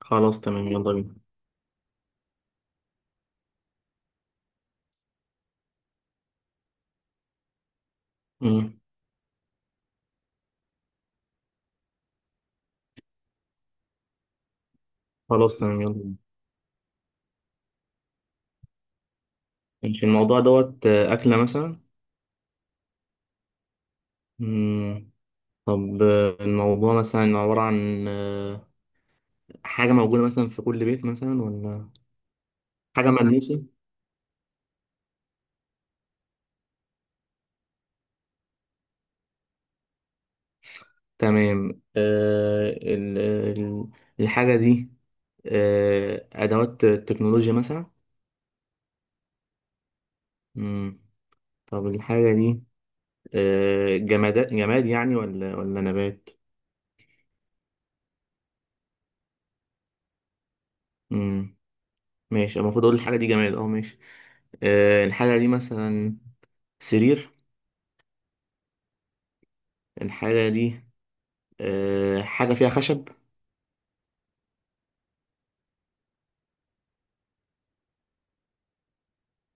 خلاص تمام، يلا بينا. مم. خلاص تمام، يلا بينا. ماشي. الموضوع دوت أكلة مثلا؟ مم. طب الموضوع مثلا عبارة عن حاجة موجودة مثلا في كل بيت مثلا، ولا حاجة ملموسة؟ تمام. الحاجة دي أدوات تكنولوجيا مثلا؟ مم. طب الحاجة دي جماد جماد يعني، ولا نبات؟ مم. ماشي، المفروض أقول الحاجة دي جماد. أه ماشي. الحاجة دي مثلا سرير؟ الحاجة دي حاجة فيها خشب؟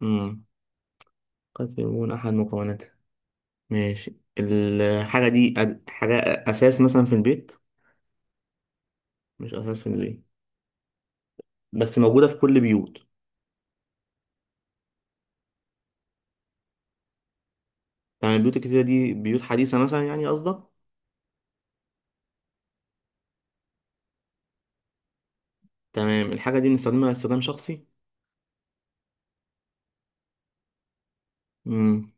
مم. قد يكون أحد مكوناتها. ماشي، الحاجة دي حاجة أساس مثلا في البيت؟ مش أساس في البيت، بس موجودة في كل بيوت؟ تمام، البيوت الكتيرة دي بيوت حديثة مثلا يعني قصدك؟ تمام، الحاجة دي بنستخدمها استخدام شخصي؟ مم.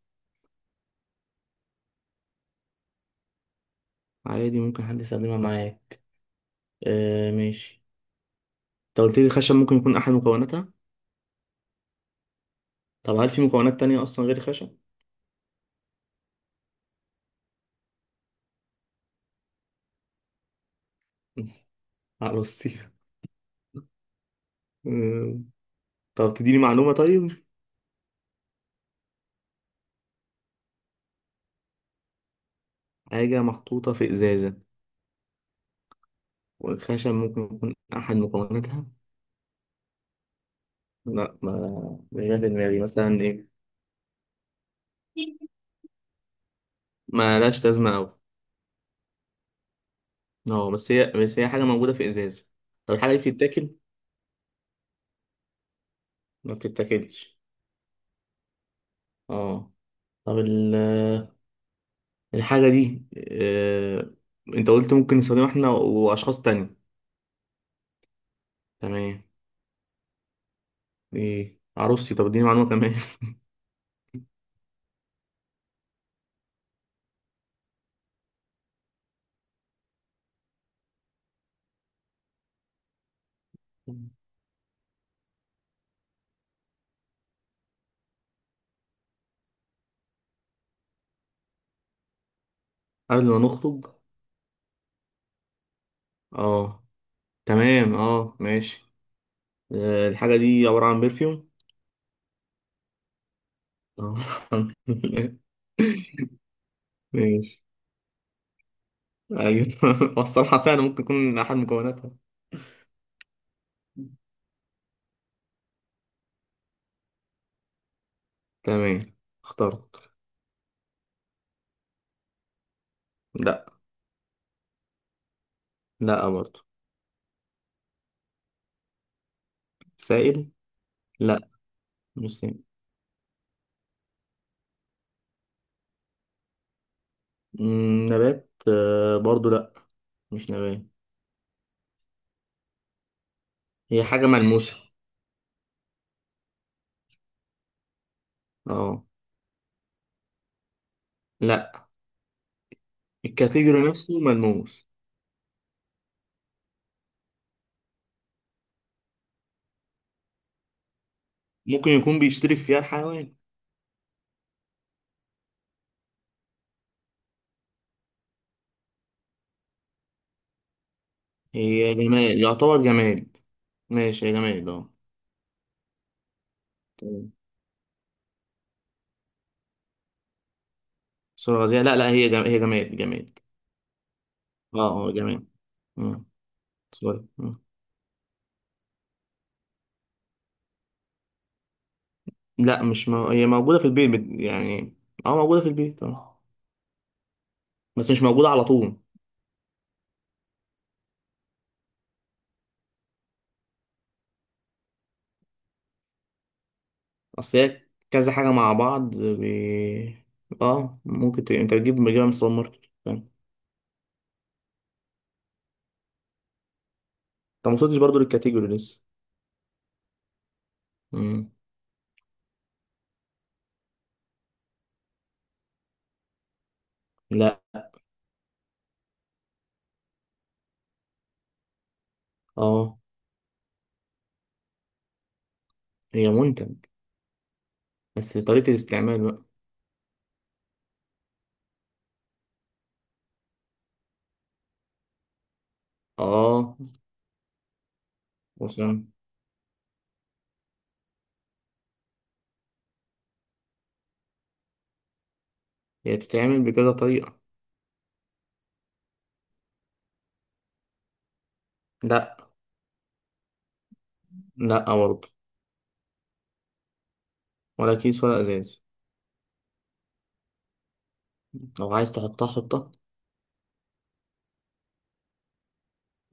عادي ممكن حد يستخدمها معايا. آه ماشي. أنت قلت لي الخشب ممكن يكون أحد مكوناتها. طب هل في مكونات تانية أصلا غير الخشب؟ على طيب. طب تديني معلومة طيب. حاجة محطوطة في إزازة والخشب ممكن يكون أحد مكوناتها. لا، ما مش جاية في دماغي مثلا إيه. ما لهاش لازمة أوي. أه، بس هي حاجة موجودة في إزازة. طب الحاجة دي بتتاكل؟ ما بتتاكلش. أه. طب الحاجة دي آه... أنت قلت ممكن نستخدمها إحنا وأشخاص تانية. تمام. دي عروستي، طب اديني معلومة كمان. قبل ما نخطب؟ أه. تمام، أه ماشي. الحاجة دي عبارة عن برفيوم؟ آه. ماشي. ايوه. اصل فعلا ممكن يكون احد مكوناتها. تمام، اخترت. لا. لا برضو. سائل. لا. مش سائل. نبات؟ برضو لا. مش نبات. هي حاجة ملموسة. اه. لا. الكاتيجوري نفسه ملموس. ممكن يكون بيشترك فيها الحيوان. هي جماد، يعتبر جماد. ماشي، هي جماد اه. تمام. صورة غازية؟ لا لا، هي جماد، هي جماد جماد. اه اه جماد. آه، سوري. لا، مش هي موجودة في البيت يعني اه، موجودة في البيت اه. بس مش موجودة على طول. اصل هي كذا حاجة مع بعض اه ممكن انت تجيب، بتجيبها من السوبر ماركت، فاهم انت. ما وصلتش برضه للكاتيجوري لسه. مم. لا. اه، هي منتج. بس طريقة الاستعمال بقى. اه. وصل. هي بتتعمل بكذا طريقة. لا. لا برضه، ولا كيس ولا ازاز. لو عايز تحطها حطها.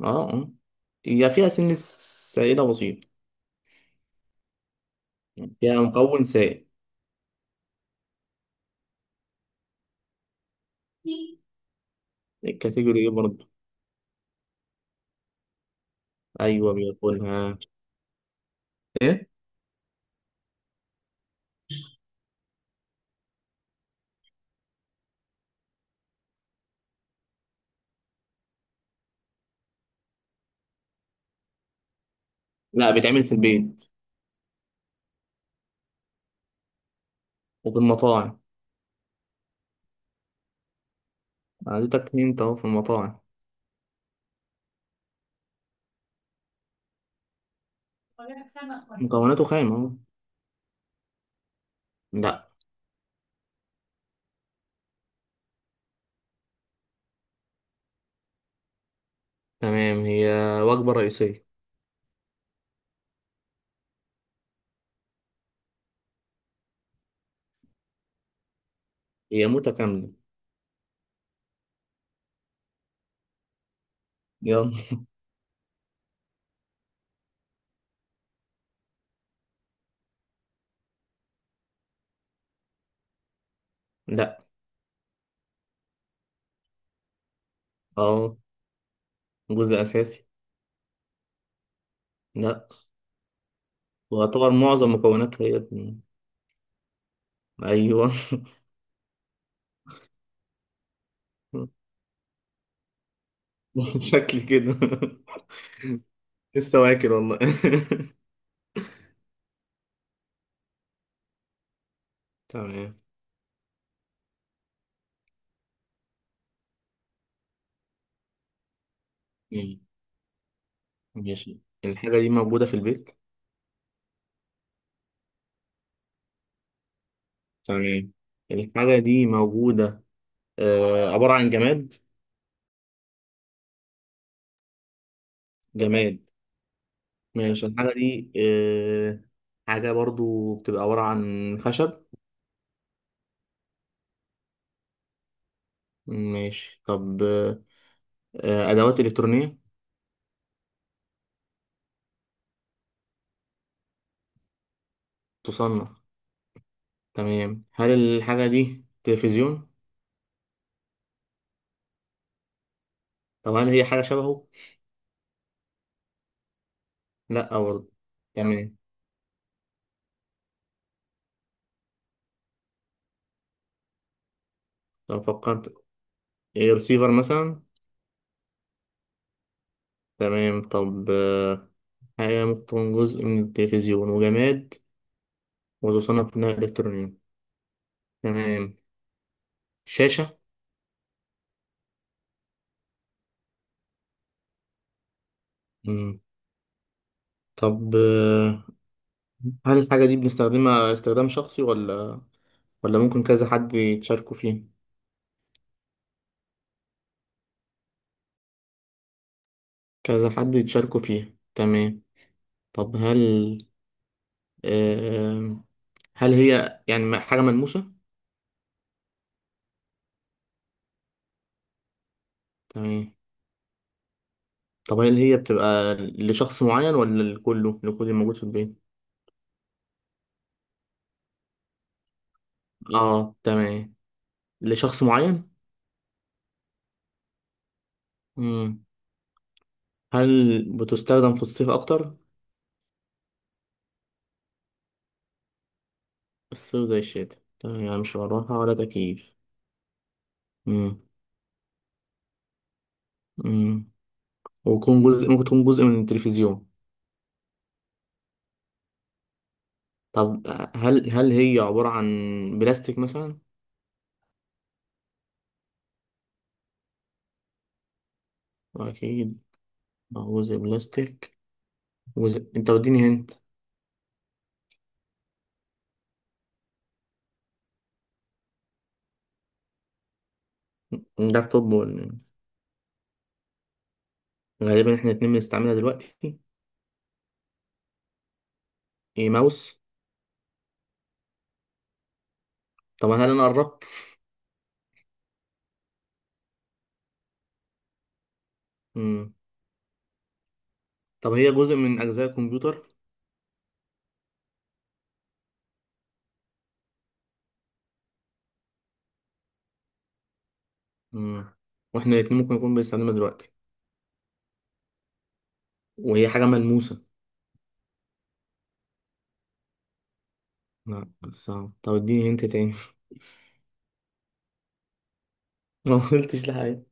اه اه. هي فيها سنة سائلة بسيطة. فيها مكون سائل. الكاتيجوري ايه برضه؟ ايوه بياكلها. ايه. لا، بيتعمل في البيت وفي المطاعم. أنا اديتك هنت اهو، في المطاعم. مكوناته خام اهو. لا. تمام، هي وجبة رئيسية. هي متكاملة. يلا. لا. اه، جزء اساسي. لا. ويعتبر معظم مكوناتها هي. ايوه. شكل كده. لسه واكل والله. تمام. ماشي. الحاجة دي موجودة في البيت. تمام. الحاجة دي موجودة، عبارة عن جماد. جماد. ماشي، الحاجة دي حاجة برضو بتبقى عبارة عن خشب؟ ماشي، طب أدوات إلكترونية، تصنع. تمام، هل الحاجة دي تلفزيون؟ طب هل هي حاجة شبهه؟ لا برضو. تمام. طب فكرت، إيه، رسيفر مثلا؟ تمام، طب حاجة ممكن تكون جزء من التلفزيون وجماد، وتصنف إنها إلكترونية. تمام، شاشة؟ مم. طب هل الحاجة دي بنستخدمها استخدام شخصي، ولا ولا ممكن كذا حد يتشاركوا فيه؟ كذا حد يتشاركوا فيه. تمام. طب هل آم، هل هي يعني حاجة ملموسة؟ تمام. طب هل هي بتبقى لشخص معين، ولا لكله، لكل الموجود في البيت؟ اه تمام، لشخص معين. مم. هل بتستخدم في الصيف اكتر؟ الصيف زي الشتاء. تمام، يعني مش مروحة ولا تكييف. مم. مم. ويكون جزء، ممكن تكون جزء من التلفزيون. طب هل هي عبارة عن بلاستيك مثلا؟ أكيد، بعوز بلاستيك. أنت وديني هنت. لابتوب ولا؟ غالبا إحنا الاتنين بنستعملها دلوقتي. إيه ماوس؟ طب هل أنا قربت؟ مم. طب هي جزء من أجزاء الكمبيوتر؟ مم. وإحنا الاتنين ممكن نكون بنستعملها دلوقتي، وهي حاجة ملموسة. لا صعب، طب اديني هنت تاني. ما قلتش لحاجة.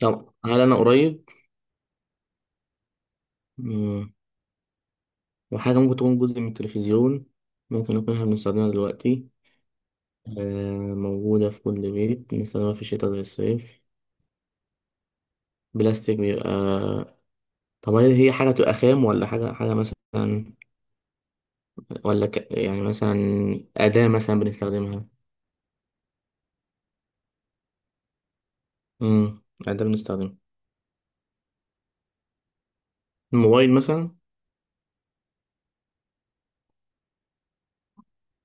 طب هل أنا قريب؟ مم. وحاجة ممكن تكون جزء من التلفزيون، ممكن نكون إحنا بنستخدمها دلوقتي، موجودة في كل بيت، بنستخدمها في الشتاء زي الصيف، بلاستيك بيبقى. طب هل هي حاجة بتبقى خام، ولا حاجة حاجة مثلا، ولا يعني مثلا أداة مثلا بنستخدمها؟ امم أداة بنستخدمها، الموبايل مثلا؟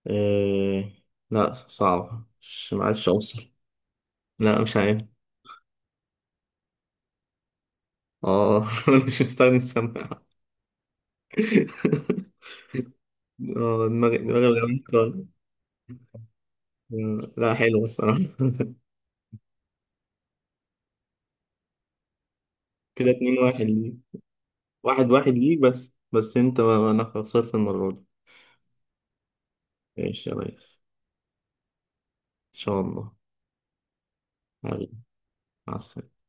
آه... لا صعب، مش معرفش أوصل. لا مش عارف. اه. مش مستخدم سماعة. اه، دماغي دماغي بتعمل كده. لا حلو الصراحة. كده 2-1 ليك. 1-1 ليك، بس بس انت انا خسرت المرة دي. ماشي يا ريس. ان شاء الله. حبيبي، مع السلامة.